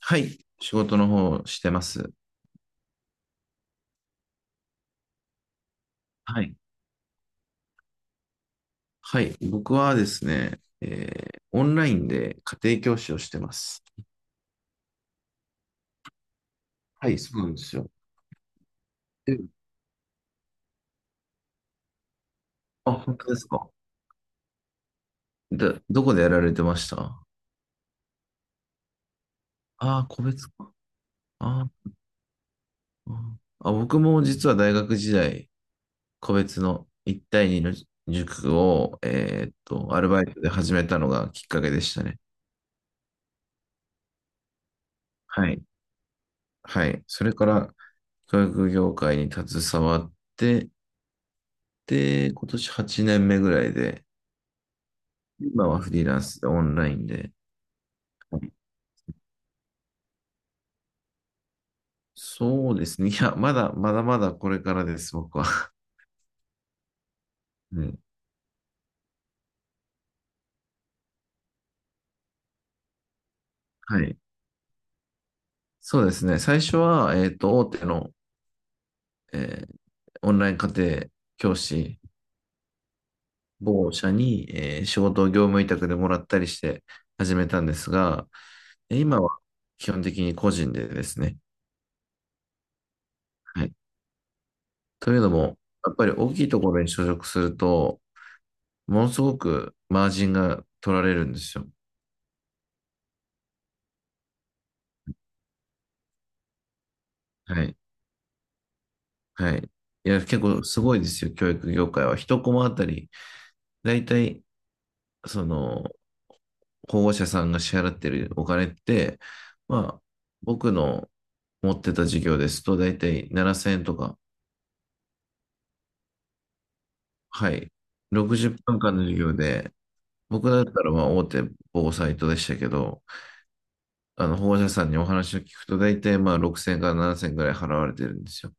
はい。仕事の方をしてます。はい。はい。僕はですね、オンラインで家庭教師をしてます。はい、そうなんですよ。えあ、本当ですか。で、どこでやられてました？個別か。あーああ、僕も実は大学時代、個別の1対2の塾を、アルバイトで始めたのがきっかけでしたね。はい。はい。それから、教育業界に携わって、で、今年8年目ぐらいで、今はフリーランスでオンラインで。はい。そうですね。いや、まだまだこれからです、僕は。うん。はい。そうですね。最初は、大手の、えーオンライン家庭教師、某社に、仕事を業務委託でもらったりして始めたんですが、今は基本的に個人でですね。はい。というのも、やっぱり大きいところに所属すると、ものすごくマージンが取られるんですよ。はい。はい。いや、結構すごいですよ、教育業界は。一コマあたり、だいたい、その、保護者さんが支払ってるお金って、まあ、僕の持ってた授業ですと、だいたい7000円とか、はい。60分間の授業で、僕だったらまあ大手某サイトでしたけど、あの保護者さんにお話を聞くと、だいたいまあ6000から7000円ぐらい払われてるんですよ。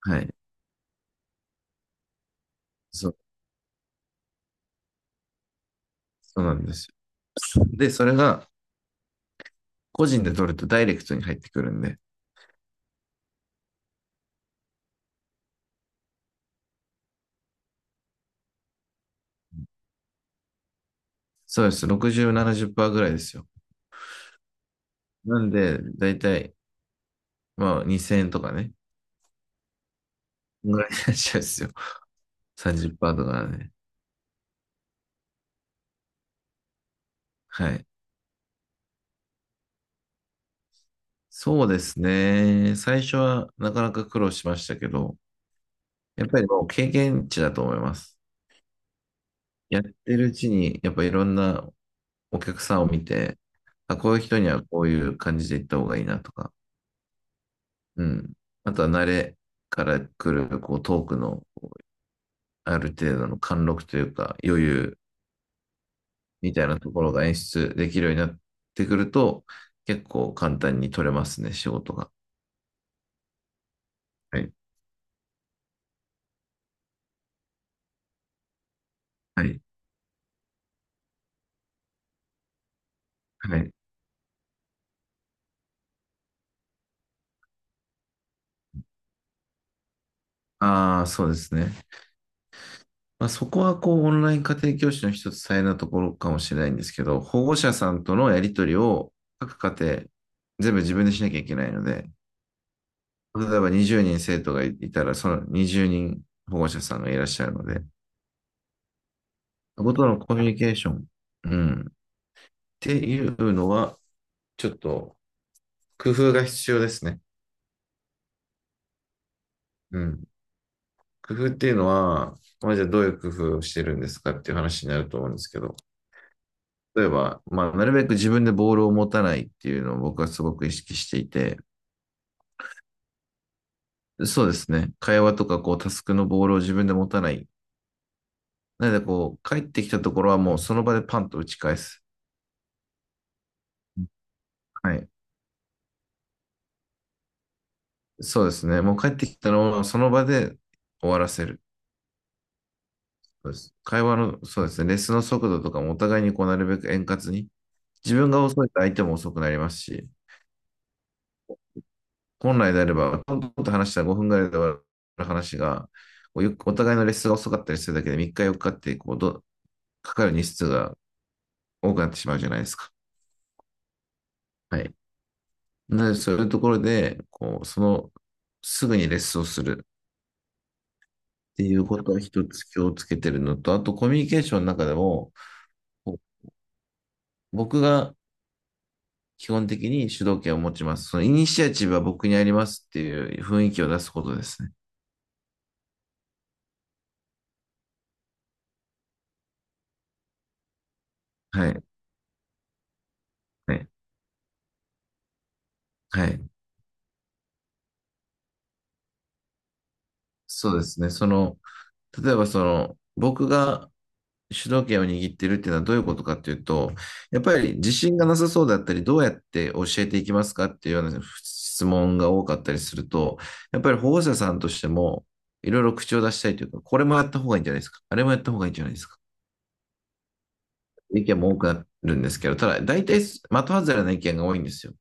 はい。そう、そうなんですよ。で、それが、個人で取るとダイレクトに入ってくるんで、そうです。60、70%ぐらいですよ。なんで、だいたい、まあ、2000円とかね。ぐらいになっちゃうんですよ。30%とかね。はい。そうですね。最初はなかなか苦労しましたけど、やっぱりもう経験値だと思います。やってるうちに、やっぱいろんなお客さんを見て、あ、こういう人にはこういう感じで行った方がいいなとか、うん。あとは慣れから来る、こう、トークのある程度の貫禄というか余裕みたいなところが演出できるようになってくると、結構簡単に取れますね、仕事が。はい。はい。はい。ああ、そうですね。まあ、そこはこうオンライン家庭教師の一つ大変なところかもしれないんですけど、保護者さんとのやり取りを各家庭全部自分でしなきゃいけないので、例えば20人生徒がいたら、その20人保護者さんがいらっしゃるので、そことのコミュニケーション、うん、っていうのは、ちょっと工夫が必要ですね。うん。工夫っていうのは、まあ、じゃあどういう工夫をしてるんですかっていう話になると思うんですけど、例えば、まあ、なるべく自分でボールを持たないっていうのを僕はすごく意識していて、そうですね。会話とか、こう、タスクのボールを自分で持たない。なので、こう、帰ってきたところはもうその場でパンと打ち返す。はい。そうですね。もう帰ってきたのをその場で終わらせる。そうです。会話の、そうですね。レッスンの速度とかもお互いにこう、なるべく円滑に。自分が遅いと相手も遅くなりますし、本来であれば、トントンと話したら分ぐらいで終わる話が、お互いのレッスンが遅かったりするだけで3日4日っかってこうどかかる日数が多くなってしまうじゃないですか。はい。なので、そういうところで、こう、その、すぐにレッスンをするっていうことは一つ気をつけてるのと、あとコミュニケーションの中でも、僕が基本的に主導権を持ちます。そのイニシアチブは僕にありますっていう雰囲気を出すことですね。はい。はい。はい。そうですね。その、例えばその、僕が主導権を握ってるっていうのはどういうことかっていうと、やっぱり自信がなさそうだったり、どうやって教えていきますかっていうような質問が多かったりすると、やっぱり保護者さんとしても、いろいろ口を出したいというか、これもやった方がいいんじゃないですか、あれもやった方がいいんじゃないですか、意見も多くなるんですけど、ただ、大体、的外れな意見が多いんですよ。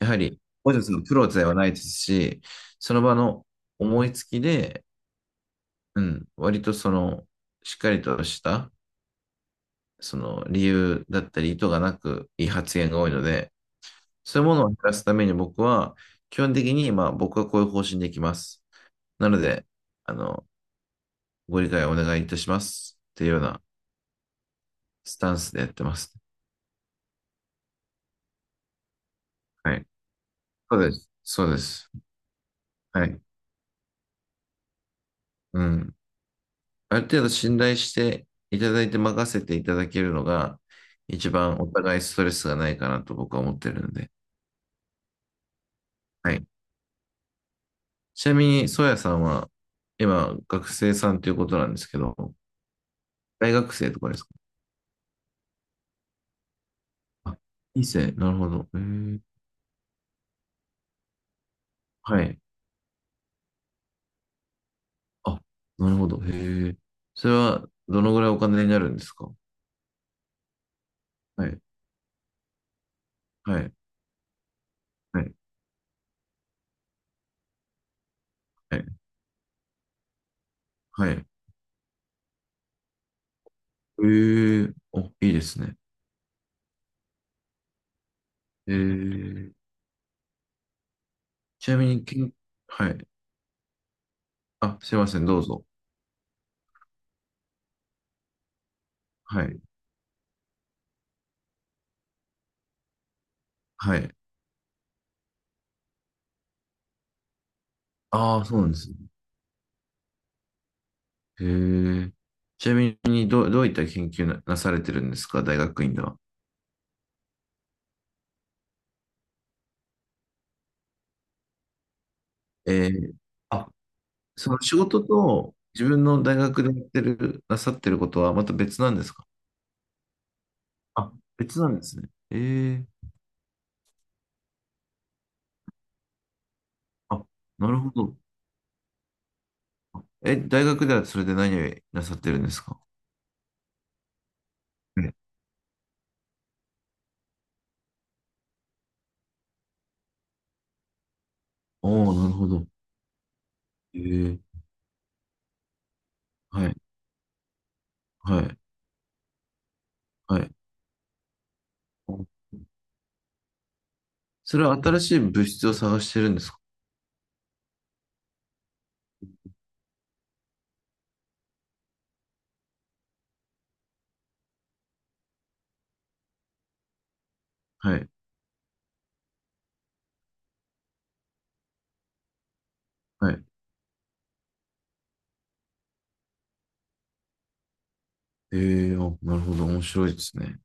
やはり、保護者さんのプロではないですし、その場の思いつきで、うん、割とその、しっかりとしたその理由だったり意図がなくいい発言が多いので、そういうものを減らすために僕は、基本的に、まあ僕はこういう方針でいきます。なので、あの、ご理解お願いいたします。っていうようなスタンスでやってます。はい。そうです。そうです。はい。うん。ある程度信頼していただいて任せていただけるのが、一番お互いストレスがないかなと僕は思ってるので。はい。ちなみに、ソヤさんは、今、学生さんということなんですけど、大学生とかですか？あ、いいっすね。なるほど。へえ。はい。あ、なるほど。へえ。それは、どのぐらいお金になるんですか？はい。はい。はい。はい。はい。へえ。お、いいですね。へえ。ちなみに、はい。あ、すいません。どうぞ。はい。はい。ああ、そうなんですね。へえ。ちなみに、どういった研究なされてるんですか大学院では？ええ。あその仕事と自分の大学でやってる、なさってることはまた別なんですか？あ、別なんですね。ええ。あ、なるほど。え、大学ではそれで何をなさってるんですか？ええ、おおー、なるほど。ええ。はい、はい、はい。それは新しい物質を探してるんですか？はい、はい。ええ。あ、なるほど。面白いですね。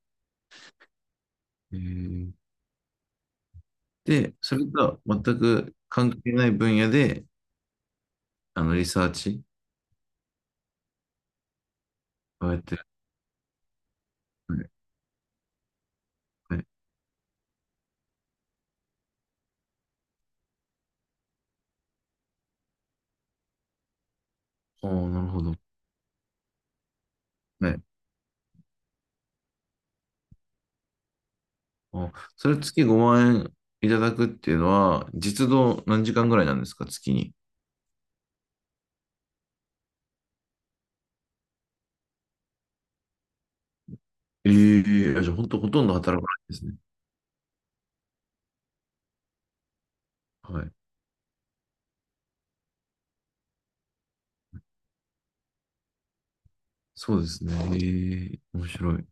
ええ。で、それとは全く関係ない分野で、あの、リサーチをやってる。はい、はい。おお、なるほど。はい。あ、それ月5万円いただくっていうのは、実働何時間ぐらいなんですか、月に？ええ。じゃあ本当ほとんど働かないですね。はい。そうですね。ええ、面白い。